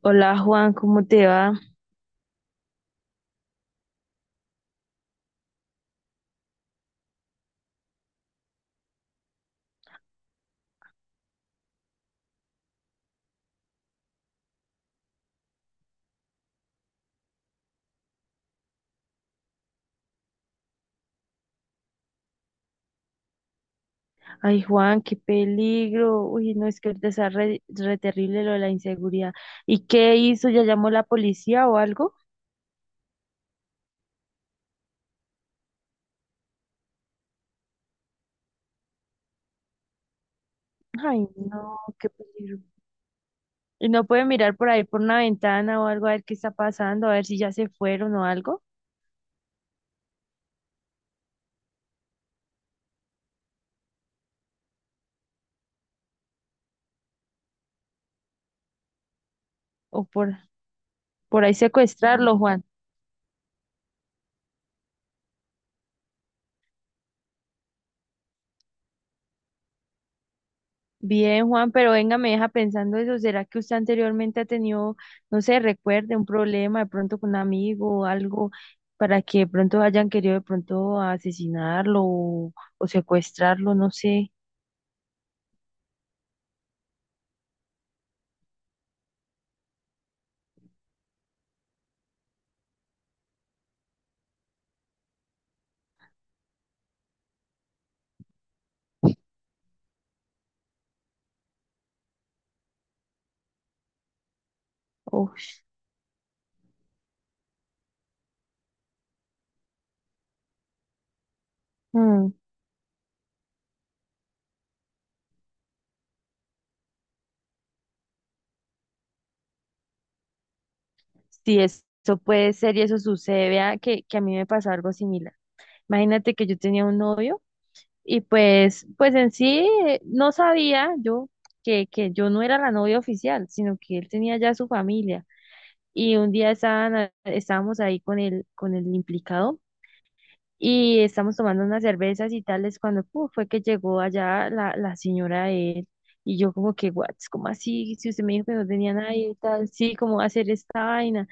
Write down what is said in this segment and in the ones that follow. Hola Juan, ¿cómo te va? Ay Juan, qué peligro. Uy, no, es que ahorita está re terrible lo de la inseguridad. ¿Y qué hizo? ¿Ya llamó la policía o algo? Ay, no, qué peligro. ¿Y no puede mirar por ahí por una ventana o algo a ver qué está pasando, a ver si ya se fueron o algo? O por, por ahí secuestrarlo, Juan. Bien, Juan, pero venga, me deja pensando eso. ¿Será que usted anteriormente ha tenido, no sé, recuerde un problema de pronto con un amigo o algo para que de pronto hayan querido de pronto asesinarlo o secuestrarlo? No sé. Uf. Mm. Sí, eso puede ser y eso sucede. Vea que a mí me pasó algo similar. Imagínate que yo tenía un novio y pues en sí no sabía yo que yo no era la novia oficial, sino que él tenía ya su familia. Y un día estábamos ahí con con el implicado y estamos tomando unas cervezas y tales cuando pu, fue que llegó allá la señora de él y yo como que, what, ¿cómo así? Si usted me dijo que no tenía nadie y tal, sí, ¿cómo va a hacer esta vaina?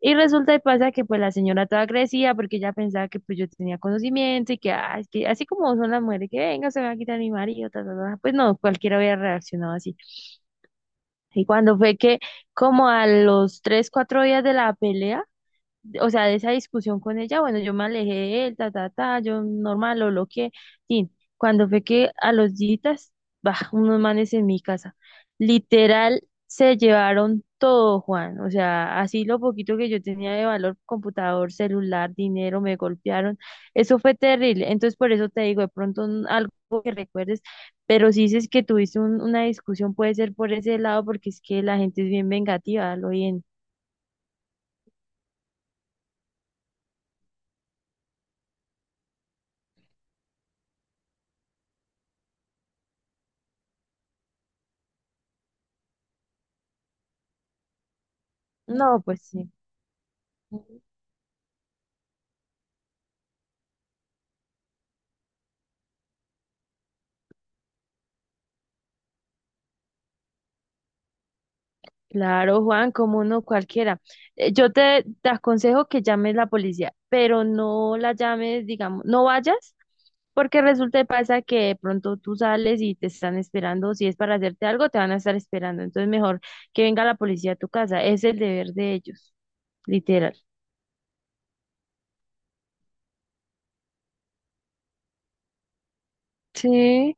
Y resulta y pasa que pues la señora toda crecía porque ella pensaba que pues yo tenía conocimiento y que, ah, es que así como son las mujeres, que venga, se me va a quitar mi marido, ta, ta, ta. Pues no, cualquiera hubiera reaccionado así. Y cuando fue que como a los tres, cuatro días de la pelea, o sea, de esa discusión con ella, bueno, yo me alejé de él, ta, ta, ta, yo normal lo bloqueé. Tin, cuando fue que a los días, bah, unos manes en mi casa, literal, se llevaron todo, Juan, o sea, así lo poquito que yo tenía de valor, computador, celular, dinero, me golpearon, eso fue terrible, entonces por eso te digo, de pronto algo que recuerdes, pero si dices que tuviste una discusión, puede ser por ese lado, porque es que la gente es bien vengativa, lo bien, no, pues sí. Claro, Juan, como no cualquiera. Yo te aconsejo que llames la policía, pero no la llames, digamos, no vayas, porque resulta y pasa que de pronto tú sales y te están esperando. Si es para hacerte algo, te van a estar esperando. Entonces, mejor que venga la policía a tu casa. Es el deber de ellos, literal. Sí.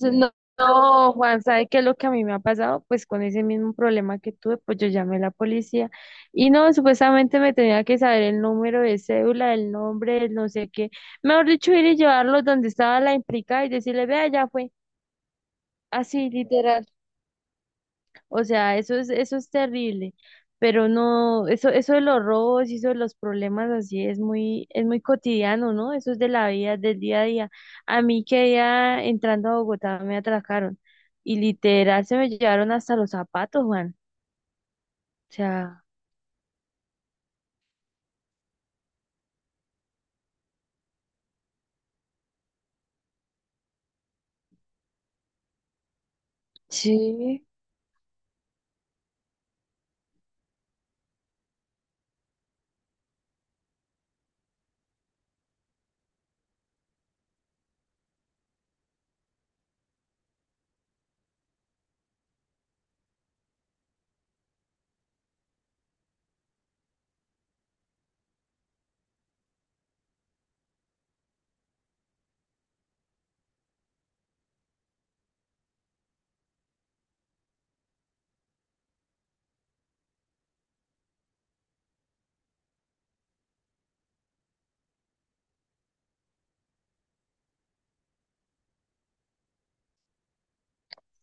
No, no, Juan, ¿sabe qué es lo que a mí me ha pasado? Pues con ese mismo problema que tuve, pues yo llamé a la policía y no, supuestamente me tenía que saber el número de cédula, el nombre, el no sé qué. Mejor dicho, ir y llevarlo donde estaba la implicada y decirle, vea, ya fue. Así, literal. O sea, eso es terrible. Pero no, eso de los robos y eso de los problemas así es muy cotidiano, ¿no? Eso es de la vida, del día a día. A mí que ya entrando a Bogotá me atracaron y literal se me llevaron hasta los zapatos, Juan. O sea, sí.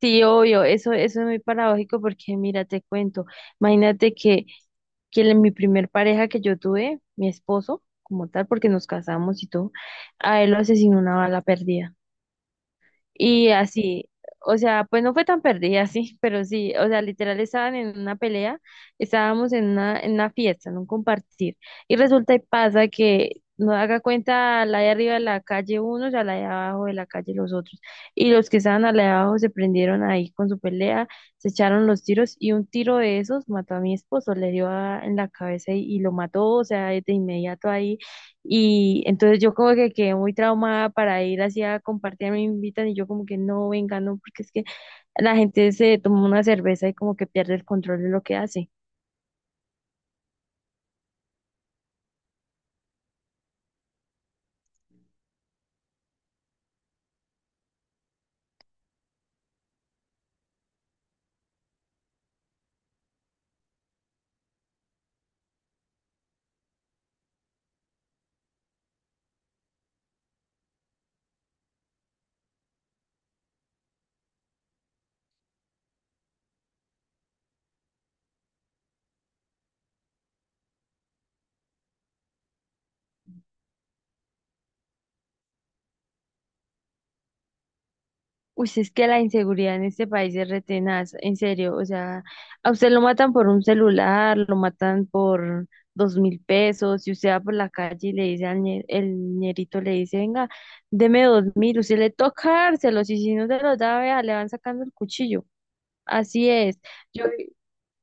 Sí, obvio, eso es muy paradójico porque mira, te cuento, imagínate que mi primer pareja que yo tuve, mi esposo, como tal, porque nos casamos y todo, a él lo asesinó una bala perdida. Y así, o sea, pues no fue tan perdida, sí, pero sí, o sea, literal estaban en una pelea, estábamos en una fiesta, en un compartir. Y resulta y pasa que no haga cuenta la de arriba de la calle unos, a la de abajo de la calle los otros. Y los que estaban a la de abajo se prendieron ahí con su pelea, se echaron los tiros y un tiro de esos mató a mi esposo, le dio en la cabeza y lo mató, o sea, de inmediato ahí y entonces yo como que quedé muy traumada para ir así a compartir, me invitan y yo como que no, venga, no, porque es que la gente se toma una cerveza y como que pierde el control de lo que hace. Uy, sí, es que la inseguridad en este país es re tenaz, en serio, o sea, a usted lo matan por un celular, lo matan por 2.000 pesos, si usted va por la calle y le dice al el ñerito, le dice, venga, deme 2.000, usted le toca dárselos y si no se los da, vea, le van sacando el cuchillo. Así es. Yo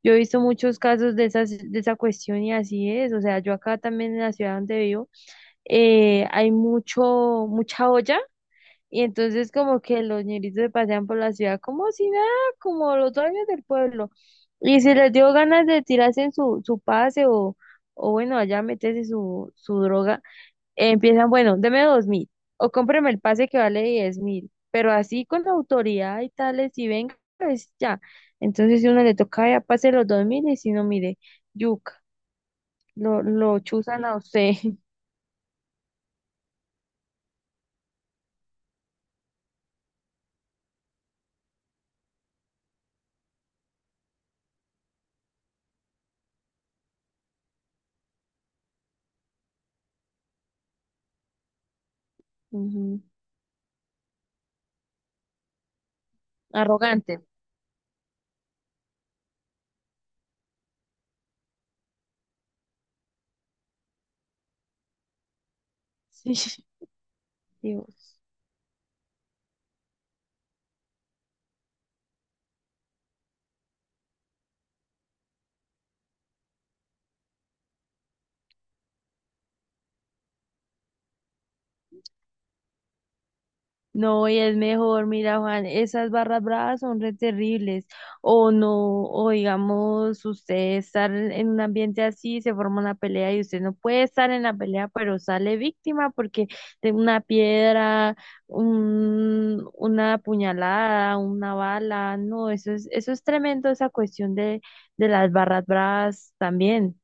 yo he visto muchos casos de esas, de esa cuestión y así es. O sea, yo acá también en la ciudad donde vivo, hay mucho, mucha olla y entonces como que los ñeritos se pasean por la ciudad como si nada, como los dueños del pueblo. Y si les dio ganas de tirarse en su pase o bueno, allá meterse su droga, empiezan, bueno, deme dos mil o cómpreme el pase que vale 10.000, pero así con la autoridad y tales, y venga, pues ya. Entonces, si uno le toca, ya pase los 2.000, y si no, mire, yuca, lo chuzan a usted. Ujú. Arrogante. Sí. Dios. No, y es mejor, mira, Juan, esas barras bravas son re terribles. O no, o digamos, usted estar en un ambiente así, se forma una pelea y usted no puede estar en la pelea, pero sale víctima porque de una piedra, un, una puñalada, una bala, no, eso es tremendo, esa cuestión de las barras bravas también.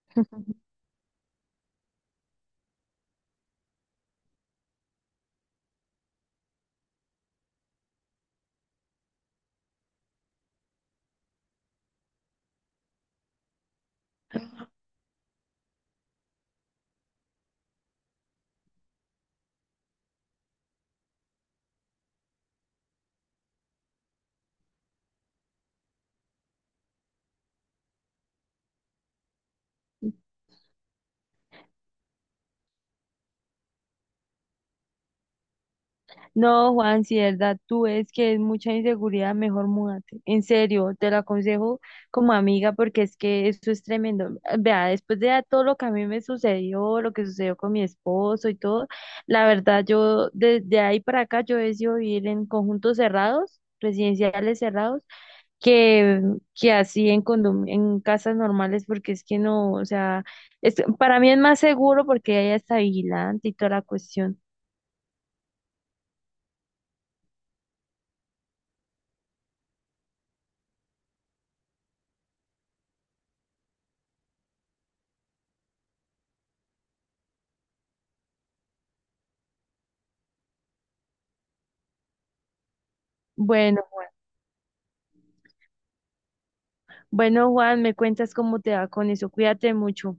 No, Juan, si de verdad tú es que es mucha inseguridad, mejor múdate. En serio, te lo aconsejo como amiga porque es que eso es tremendo. Vea, después de todo lo que a mí me sucedió, lo que sucedió con mi esposo y todo, la verdad yo desde ahí para acá yo he decidido vivir en conjuntos cerrados, residenciales cerrados, que, que así en en casas normales porque es que no, o sea, es- para mí es más seguro porque hay hasta vigilante y toda la cuestión. Bueno. Bueno, Juan, me cuentas cómo te va con eso. Cuídate mucho.